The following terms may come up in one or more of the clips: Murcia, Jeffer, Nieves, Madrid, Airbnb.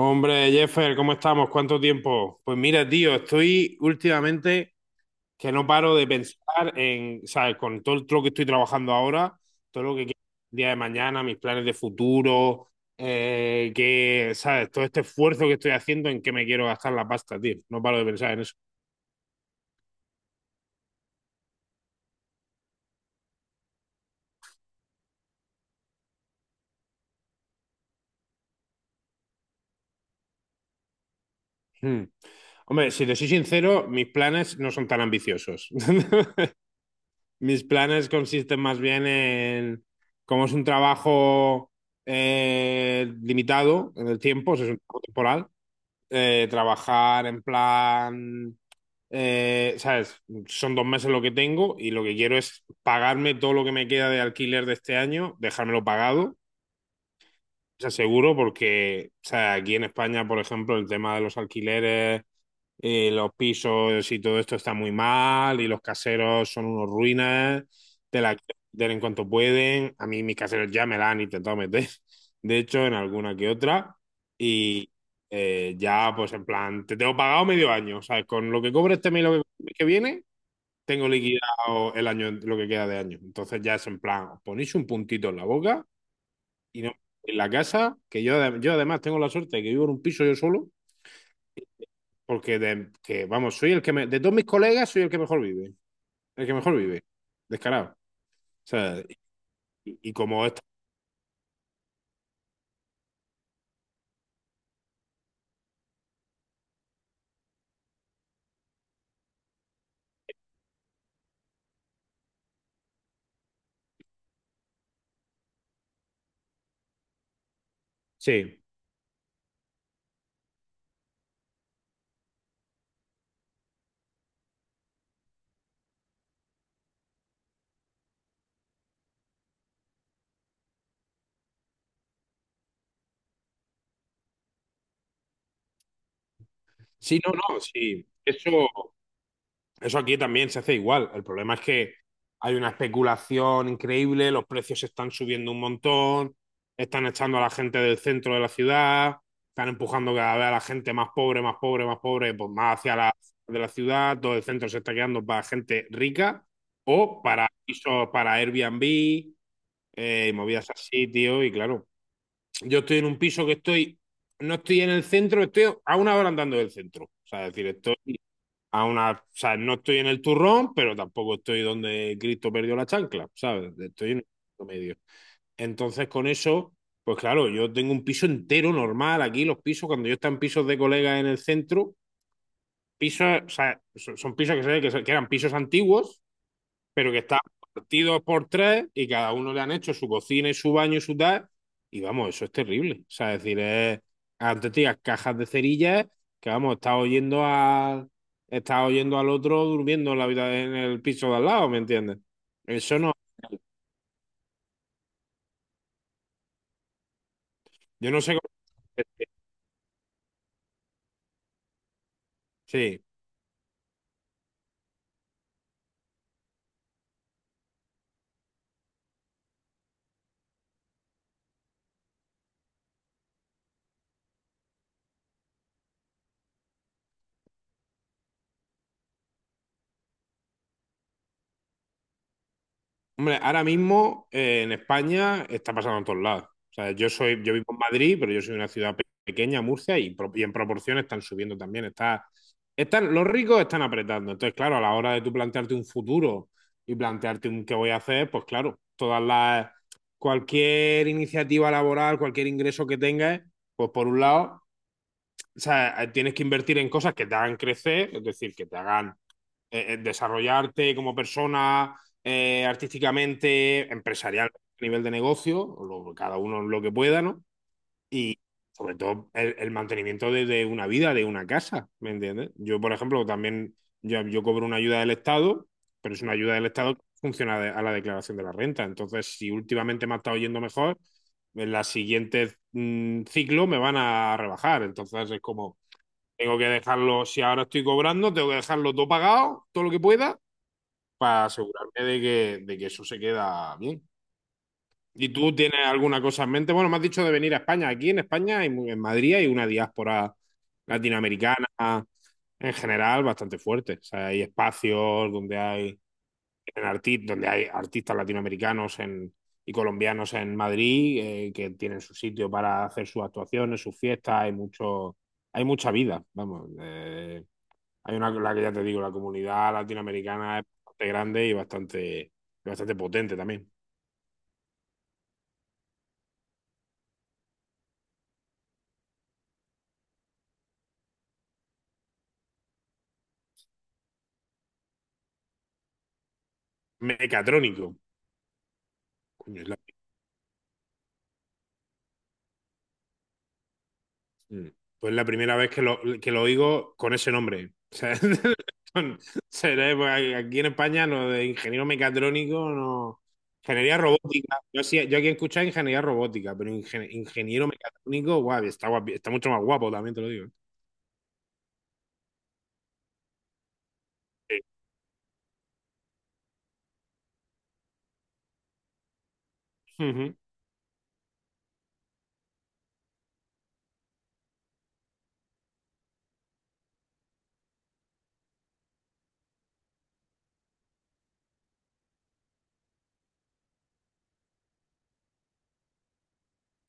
Hombre, Jeffer, ¿cómo estamos? ¿Cuánto tiempo? Pues mira, tío, estoy últimamente que no paro de pensar en, ¿sabes? Con todo lo que estoy trabajando ahora, todo lo que quiero el día de mañana, mis planes de futuro, que, ¿sabes? Todo este esfuerzo que estoy haciendo en qué me quiero gastar la pasta, tío. No paro de pensar en eso. Hmm. Hombre, si te soy sincero, mis planes no son tan ambiciosos. Mis planes consisten más bien en, como es un trabajo limitado en el tiempo, o sea, es un trabajo temporal, trabajar en plan, ¿sabes? Son dos meses lo que tengo y lo que quiero es pagarme todo lo que me queda de alquiler de este año, dejármelo pagado sea, seguro porque, o sea, aquí en España, por ejemplo, el tema de los alquileres, los pisos y todo esto está muy mal y los caseros son unos ruinas, te la quieren meter en cuanto pueden. A mí mis caseros ya me la han intentado meter, de hecho, en alguna que otra. Y ya, pues en plan, te tengo pagado medio año, ¿sabes? Con lo que cobre este mes y lo que viene, tengo liquidado el año, lo que queda de año. Entonces ya es en plan, os ponéis un puntito en la boca y no, en la casa, que yo, yo además tengo la suerte de que vivo en un piso yo solo, porque de, que, vamos, soy el que me- de todos mis colegas soy el que mejor vive, el que mejor vive, descarado. O sea, y como esta. Sí, sí, no, no, sí, eso aquí también se hace igual. El problema es que hay una especulación increíble, los precios están subiendo un montón, están echando a la gente del centro de la ciudad, están empujando cada vez a la gente más pobre, más pobre, más pobre, pues más hacia la de la ciudad, todo el centro se está quedando para gente rica o para pisos, para Airbnb, y movidas así, tío, y claro, yo estoy en un piso que estoy, no estoy en el centro, estoy a una hora andando del centro, o sea, es decir, estoy a una, o sea, no estoy en el turrón, pero tampoco estoy donde Cristo perdió la chancla, ¿sabes? Estoy en el medio. Entonces, con eso, pues claro, yo tengo un piso entero normal aquí, los pisos, cuando yo estaba en pisos de colegas en el centro, pisos, o sea, son, son pisos que, se ve que, que eran pisos antiguos, pero que están partidos por tres y cada uno le han hecho su cocina y su baño y su tal. Y vamos, eso es terrible. O sea, es decir, es, antes tenías cajas de cerillas que vamos, estás oyendo a, estás oyendo al otro durmiendo en la vida en el piso de al lado, ¿me entiendes? Eso no, yo no sé cómo. Sí, hombre, ahora mismo en España está pasando en todos lados. O sea, yo soy, yo vivo en Madrid, pero yo soy una ciudad pequeña, Murcia, y, y en proporción están subiendo también. Está, están, los ricos están apretando. Entonces, claro, a la hora de tú plantearte un futuro y plantearte un qué voy a hacer, pues claro, todas las, cualquier iniciativa laboral, cualquier ingreso que tengas, pues por un lado, o sea, tienes que invertir en cosas que te hagan crecer, es decir, que te hagan desarrollarte como persona artísticamente, empresarial a nivel de negocio, cada uno lo que pueda, ¿no? Y sobre todo el mantenimiento de una vida, de una casa, ¿me entiendes? Yo, por ejemplo, también yo cobro una ayuda del Estado, pero es una ayuda del Estado que funciona a la declaración de la renta. Entonces, si últimamente me ha estado yendo mejor, en la siguiente ciclo me van a rebajar. Entonces, es como... Tengo que dejarlo, si ahora estoy cobrando, tengo que dejarlo todo pagado, todo lo que pueda, para asegurarme de que eso se queda bien. ¿Y tú tienes alguna cosa en mente? Bueno, me has dicho de venir a España. Aquí en España, hay en Madrid, hay una diáspora latinoamericana en general bastante fuerte. O sea, hay espacios donde hay, en donde hay artistas latinoamericanos y colombianos en Madrid que tienen su sitio para hacer sus actuaciones, sus fiestas. Hay mucho, hay mucha vida, vamos. Hay una, la que ya te digo, la comunidad latinoamericana es bastante grande y bastante, bastante potente también. Mecatrónico. Coño, es la- mm. pues la primera vez que lo oigo con ese nombre. O sea, son- pues, aquí en España lo de ingeniero mecatrónico no. Ingeniería robótica. Yo, yo aquí he escuchado ingeniería robótica, pero ingeniero mecatrónico, guau, está mucho más guapo, también te lo digo. Sí. Ujú.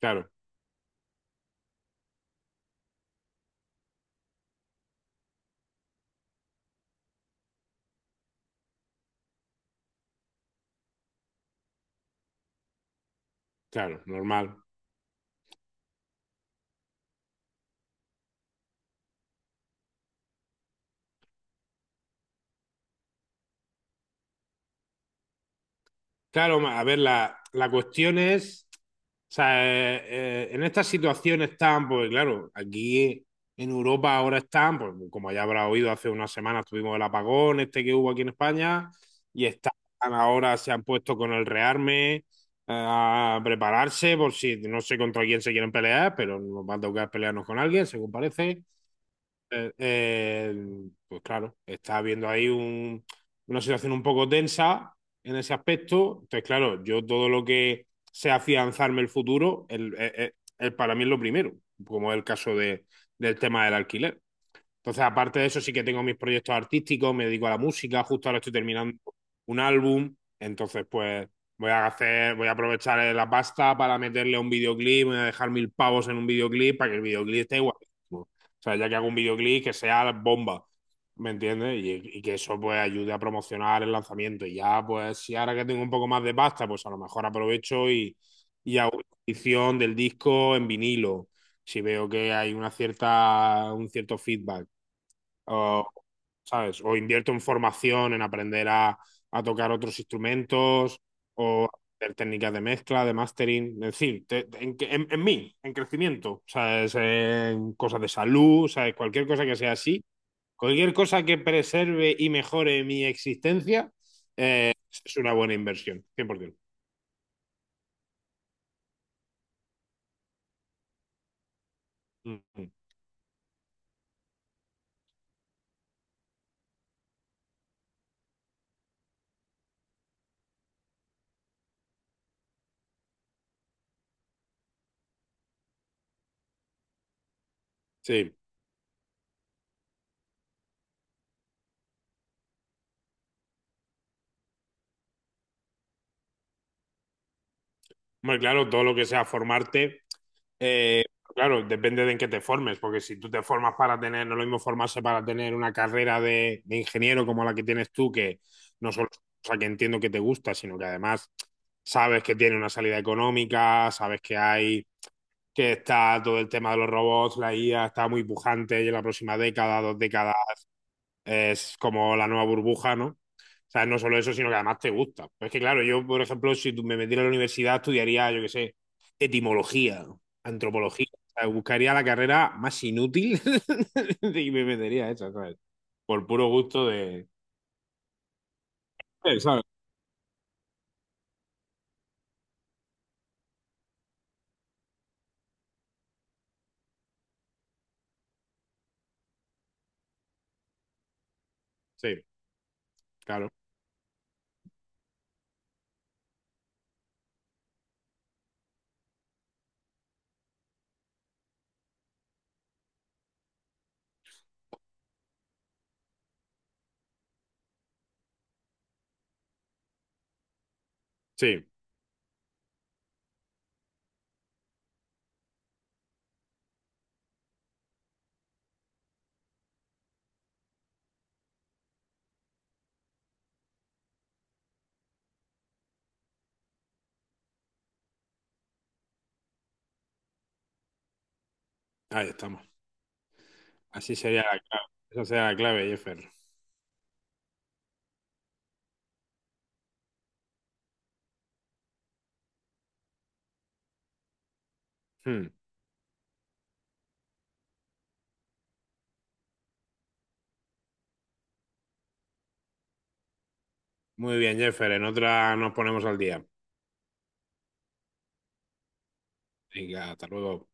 Claro, claro, normal. Claro, a ver, la cuestión es, o sea, en estas situaciones tan, pues claro, aquí en Europa ahora están, pues como ya habrá oído, hace unas semanas tuvimos el apagón este que hubo aquí en España, y están ahora, se han puesto con el rearme a prepararse por si, no sé contra quién se quieren pelear, pero nos va a tocar pelearnos con alguien, según parece. Eh, eh, pues claro, está habiendo ahí una situación un poco tensa en ese aspecto. Entonces, claro, yo todo lo que sea afianzarme el futuro, para mí es lo primero, como es el caso de, del tema del alquiler. Entonces, aparte de eso, sí que tengo mis proyectos artísticos, me dedico a la música, justo ahora estoy terminando un álbum, entonces pues voy a hacer, voy a aprovechar la pasta para meterle a un videoclip, voy a dejar mil pavos en un videoclip para que el videoclip esté guapísimo. O sea, ya que hago un videoclip que sea la bomba, ¿me entiendes? Y que eso pues ayude a promocionar el lanzamiento. Y ya pues si ahora que tengo un poco más de pasta, pues a lo mejor aprovecho y hago una edición del disco en vinilo. Si veo que hay una cierta, un cierto feedback o, ¿sabes? O invierto en formación, en aprender a tocar otros instrumentos o aprender técnicas de mezcla, de mastering, es decir, en, en mí, en crecimiento, ¿sabes? En cosas de salud, ¿sabes? Cualquier cosa que sea así, cualquier cosa que preserve y mejore mi existencia es una buena inversión, 100%. Mm, mm. Sí, muy claro, todo lo que sea formarte. Eh, claro, depende de en qué te formes, porque si tú te formas para tener, no es lo mismo formarse para tener una carrera de ingeniero como la que tienes tú, que no solo es una cosa que entiendo que te gusta, sino que además sabes que tiene una salida económica, sabes que hay, que está todo el tema de los robots, la IA está muy pujante y en la próxima década, dos décadas es como la nueva burbuja, ¿no? O sea, no solo eso, sino que además te gusta. Pues es que, claro, yo, por ejemplo, si tú me metiera a la universidad, estudiaría, yo qué sé, etimología, antropología. O sea, buscaría la carrera más inútil y me metería a esa, ¿sabes? Por puro gusto de... Sí, ¿sabes? Sí, claro. Sí, ahí estamos. Así sería la clave. Esa sería la clave, Jeffer. Hmm. Muy bien, Jeffer. En otra nos ponemos al día. Venga, hasta luego.